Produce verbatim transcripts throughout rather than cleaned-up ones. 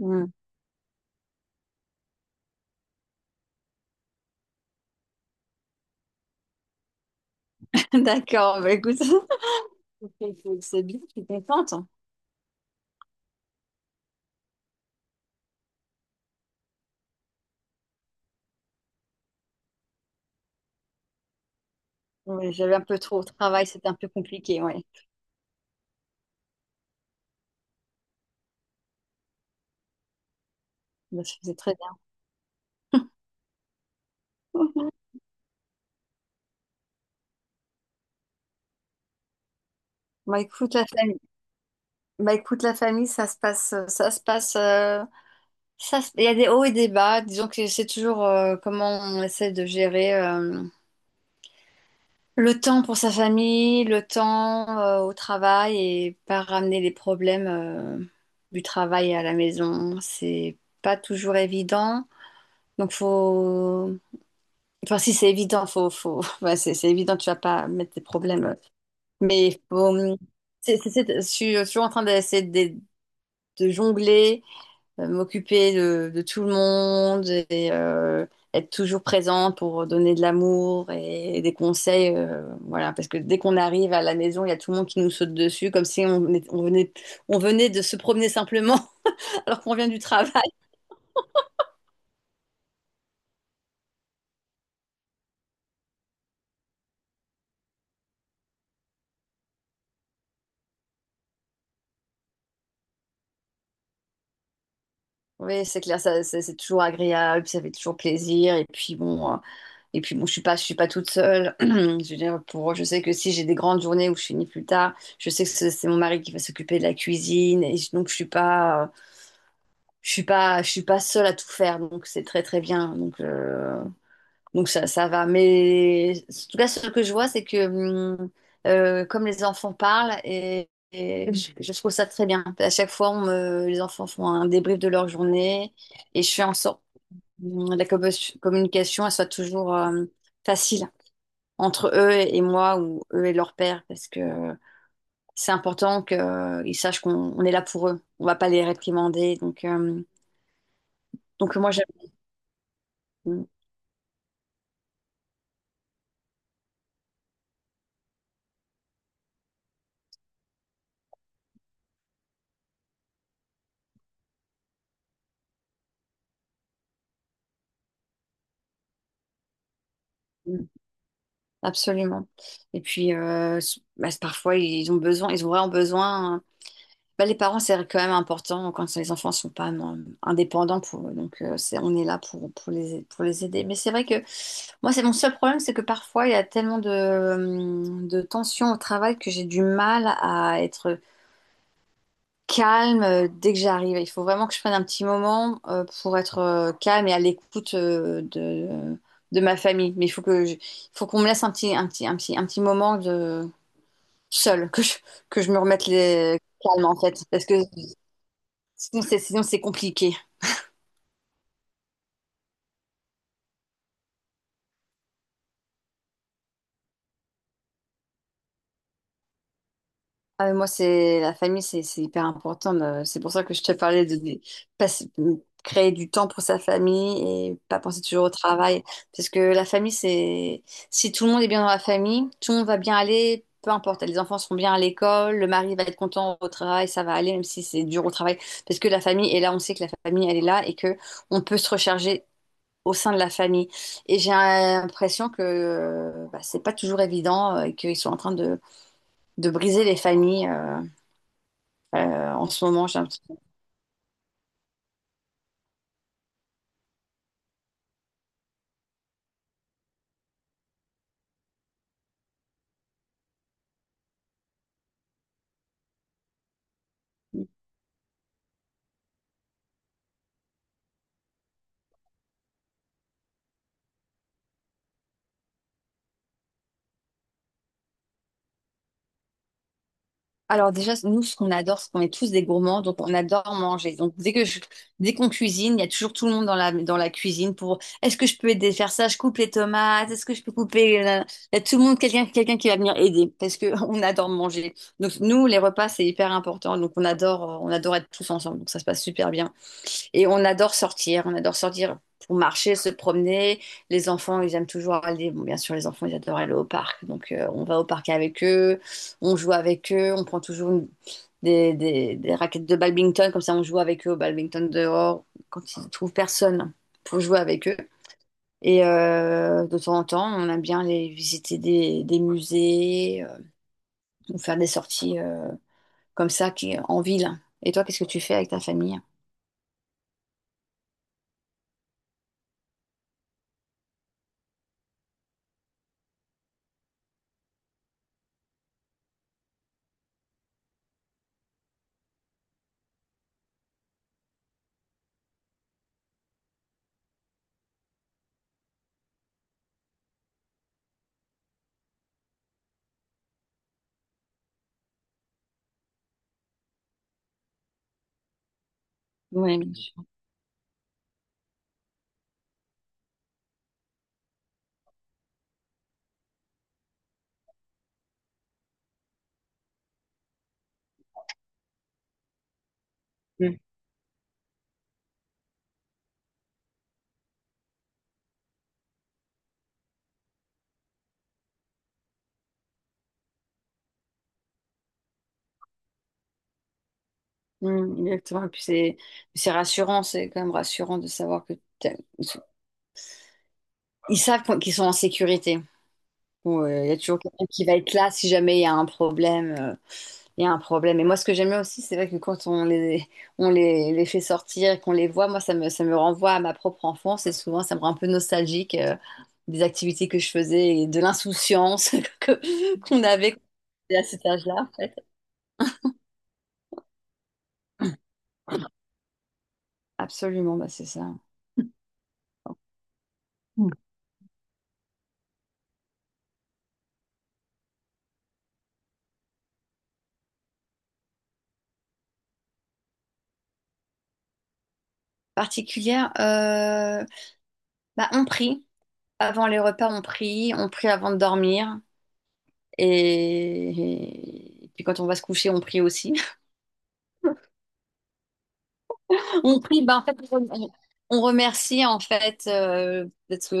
Mm. D'accord, bah écoute, c'est bien, je suis contente. Ouais, j'avais un peu trop au travail, c'était un peu compliqué, ouais. Bah, je faisais très bien. Bah écoute la famille, bah écoute la famille, ça se passe, ça se passe, euh, ça se- il y a des hauts et des bas. Disons que c'est toujours euh, comment on essaie de gérer euh, le temps pour sa famille, le temps euh, au travail et pas ramener les problèmes euh, du travail à la maison. C'est pas toujours évident, donc faut... Enfin, si c'est évident, faut, faut, bah, c'est c'est évident, tu vas pas mettre des problèmes. Mais faut, hum, c'est, c'est, c'est- je suis je en train d'essayer de, de jongler, euh, m'occuper de, de tout le monde et euh, être toujours présente pour donner de l'amour et des conseils. Euh, voilà, parce que dès qu'on arrive à la maison, il y a tout le monde qui nous saute dessus, comme si on, est- on venait, on venait de se promener simplement, alors qu'on vient du travail. Oui, c'est clair, ça, c'est c'est toujours agréable, ça fait toujours plaisir. Et puis bon. euh, Et puis bon, je suis pas, je suis pas toute seule. Je veux dire, pour, je sais que si j'ai des grandes journées où je finis plus tard, je sais que c'est c'est mon mari qui va s'occuper de la cuisine. Et je- donc je suis pas, euh, je suis pas, je suis pas seule à tout faire. Donc c'est très très bien. Donc euh, donc ça ça va. Mais en tout cas, ce que je vois, c'est que hum, euh, comme les enfants parlent et, et je, je trouve ça très bien. À chaque fois, on me- les enfants font un débrief de leur journée et je fais en sorte hum, la commu- communication elle soit toujours euh, facile entre eux et moi ou eux et leur père parce que c'est important qu'ils sachent qu'on on est là pour eux. On va pas les réprimander. Donc, euh, donc moi, j'aime. Mm, mm, absolument. Et puis, euh, s- bah, c'est- parfois, ils ont besoin, ils ont vraiment besoin, hein. Bah, les parents, c'est quand même important quand les enfants sont pas non, indépendants pour eux. Donc, euh, c'est, on est là pour, pour les, pour les aider. Mais c'est vrai que moi, c'est mon seul problème, c'est que parfois, il y a tellement de, hum, de tensions au travail que j'ai du mal à être calme euh, dès que j'arrive. Il faut vraiment que je prenne un petit moment euh, pour être euh, calme et à l'écoute euh, de, de ma famille. Mais il faut que je- il faut qu'on me laisse un petit, un petit, un petit, un petit moment de seul, que je, que je me remette les calme en fait, parce que sinon c'est sinon c'est compliqué. Ah, mais moi, c'est la famille, c'est c'est hyper important. euh, C'est pour ça que je te parlais de, de passer- de créer du temps pour sa famille et pas penser toujours au travail. Parce que la famille, c'est... Si tout le monde est bien dans la famille, tout le monde va bien aller, peu importe. Les enfants seront bien à l'école, le mari va être content au travail, ça va aller, même si c'est dur au travail. Parce que la famille est là, on sait que la famille, elle est là et que on peut se recharger au sein de la famille. Et j'ai l'impression que euh, bah, c'est pas toujours évident euh, et qu'ils sont en train de, de briser les familles. Euh, euh, en ce moment, j'ai un petit... Alors déjà, nous, ce qu'on adore, c'est qu'on est tous des gourmands, donc on adore manger. Donc dès que je- dès qu'on cuisine, il y a toujours tout le monde dans la, dans la cuisine pour est-ce que je peux aider à faire ça? Je coupe les tomates, est-ce que je peux couper... la- Il y a tout le monde, quelqu'un quelqu'un qui va venir aider parce que on adore manger. Donc nous, les repas, c'est hyper important. Donc on adore, euh, on adore être tous ensemble. Donc ça se passe super bien. Et on adore sortir, on adore sortir pour marcher, se promener. Les enfants, ils aiment toujours aller. Bon, bien sûr, les enfants, ils adorent aller au parc. Donc, euh, on va au parc avec eux, on joue avec eux, on prend toujours une- des, des- des raquettes de badminton. Comme ça, on joue avec eux au badminton dehors quand ils ne trouvent personne pour jouer avec eux. Et euh, de temps en temps, on aime bien aller visiter des, des musées euh, ou faire des sorties euh, comme ça qui, en ville. Et toi, qu'est-ce que tu fais avec ta famille? Oui, bien sûr. Mm, mm, exactement. Et puis c'est c'est rassurant, c'est quand même rassurant de savoir que t'as- ils sont- ils savent qu'on- qu'ils sont en sécurité. Bon, euh, il y a toujours quelqu'un qui va être là si jamais il y a un problème. euh, il y a un problème. Et moi, ce que j'aime bien aussi, c'est vrai que quand on les, on les, les fait sortir et qu'on les voit, moi, ça me, ça me renvoie à ma propre enfance et souvent, ça me rend un peu nostalgique. Euh, des activités que je faisais et de l'insouciance que- qu'on avait quand on était à cet âge-là, en fait. Absolument, bah, c'est ça. Particulière, euh, bah, on prie. Avant les repas, on prie. On prie avant de dormir. Et, et puis quand on va se coucher, on prie aussi. On prie, ben, on remercie en fait euh, d'être,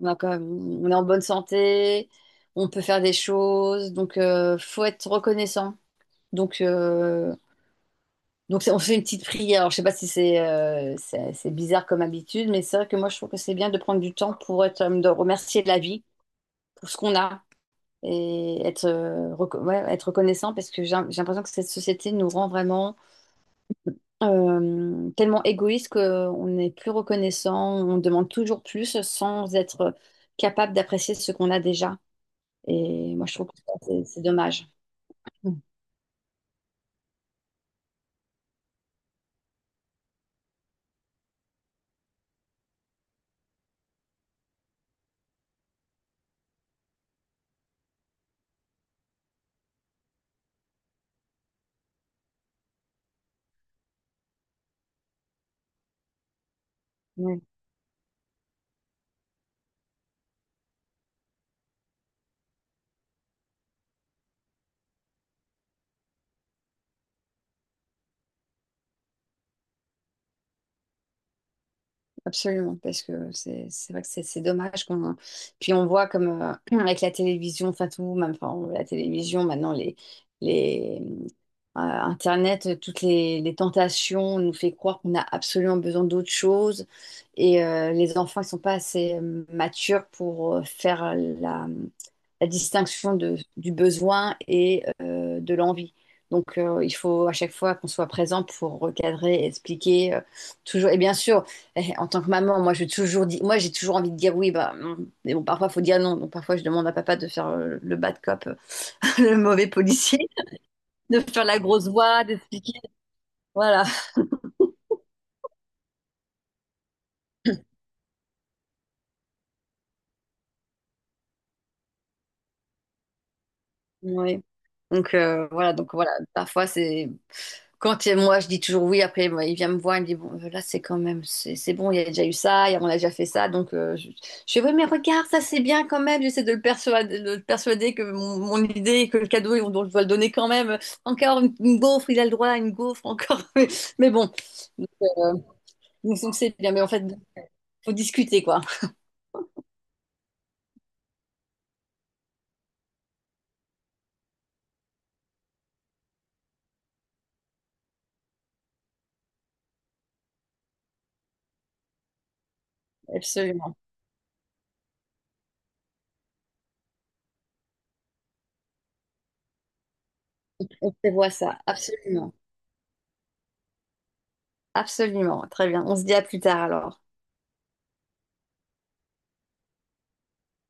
on a quand même... On est en bonne santé, on peut faire des choses, donc euh, faut être reconnaissant. Donc, euh, Donc c'est- on fait une petite prière. Alors, je sais pas si c'est euh, c'est c'est bizarre comme habitude, mais c'est vrai que moi je trouve que c'est bien de prendre du temps pour être, euh, de remercier la vie pour ce qu'on a et être, euh, reco- ouais, être reconnaissant parce que j'ai j'ai l'impression que cette société nous rend vraiment euh, tellement égoïste qu'on n'est plus reconnaissant, on demande toujours plus sans être capable d'apprécier ce qu'on a déjà. Et moi je trouve que ça, c'est c'est dommage. Mm. Absolument, parce que c'est c'est vrai que c'est c'est dommage qu'on... Puis on voit comme euh, avec la télévision, enfin tout, même enfin, la télévision, maintenant les, les, euh, Internet, euh, toutes les, les tentations nous fait croire qu'on a absolument besoin d'autre chose et euh, les enfants ne sont pas assez euh, matures pour euh, faire la, la distinction de- du besoin et euh, de l'envie. Donc euh, il faut à chaque fois qu'on soit présent pour recadrer, expliquer euh, toujours. Et bien sûr, eh, en tant que maman, moi je toujours dis, moi j'ai toujours envie de dire oui, bah, non. Mais bon, parfois il faut dire non. Donc parfois je demande à papa de faire euh, le bad cop, le mauvais policier, de faire la grosse voix, d'expliquer. Voilà. Oui. Donc euh, voilà, donc voilà, parfois c'est quand il- moi je dis toujours oui, après moi, il vient me voir, il me dit bon euh, là c'est quand même c'est c'est bon, il y a déjà eu ça, il y a- on a déjà fait ça, donc euh, je, je fais oui mais regarde ça c'est bien quand même, j'essaie de le persuader, de le persuader que mon, mon idée, que le cadeau on doit- je dois le donner quand même, encore une, une gaufre, il a le droit à une gaufre encore, mais, mais bon, donc donc, c'est bien, mais en fait faut discuter quoi, absolument, on prévoit ça, absolument. Absolument, très bien. On se dit à plus tard alors.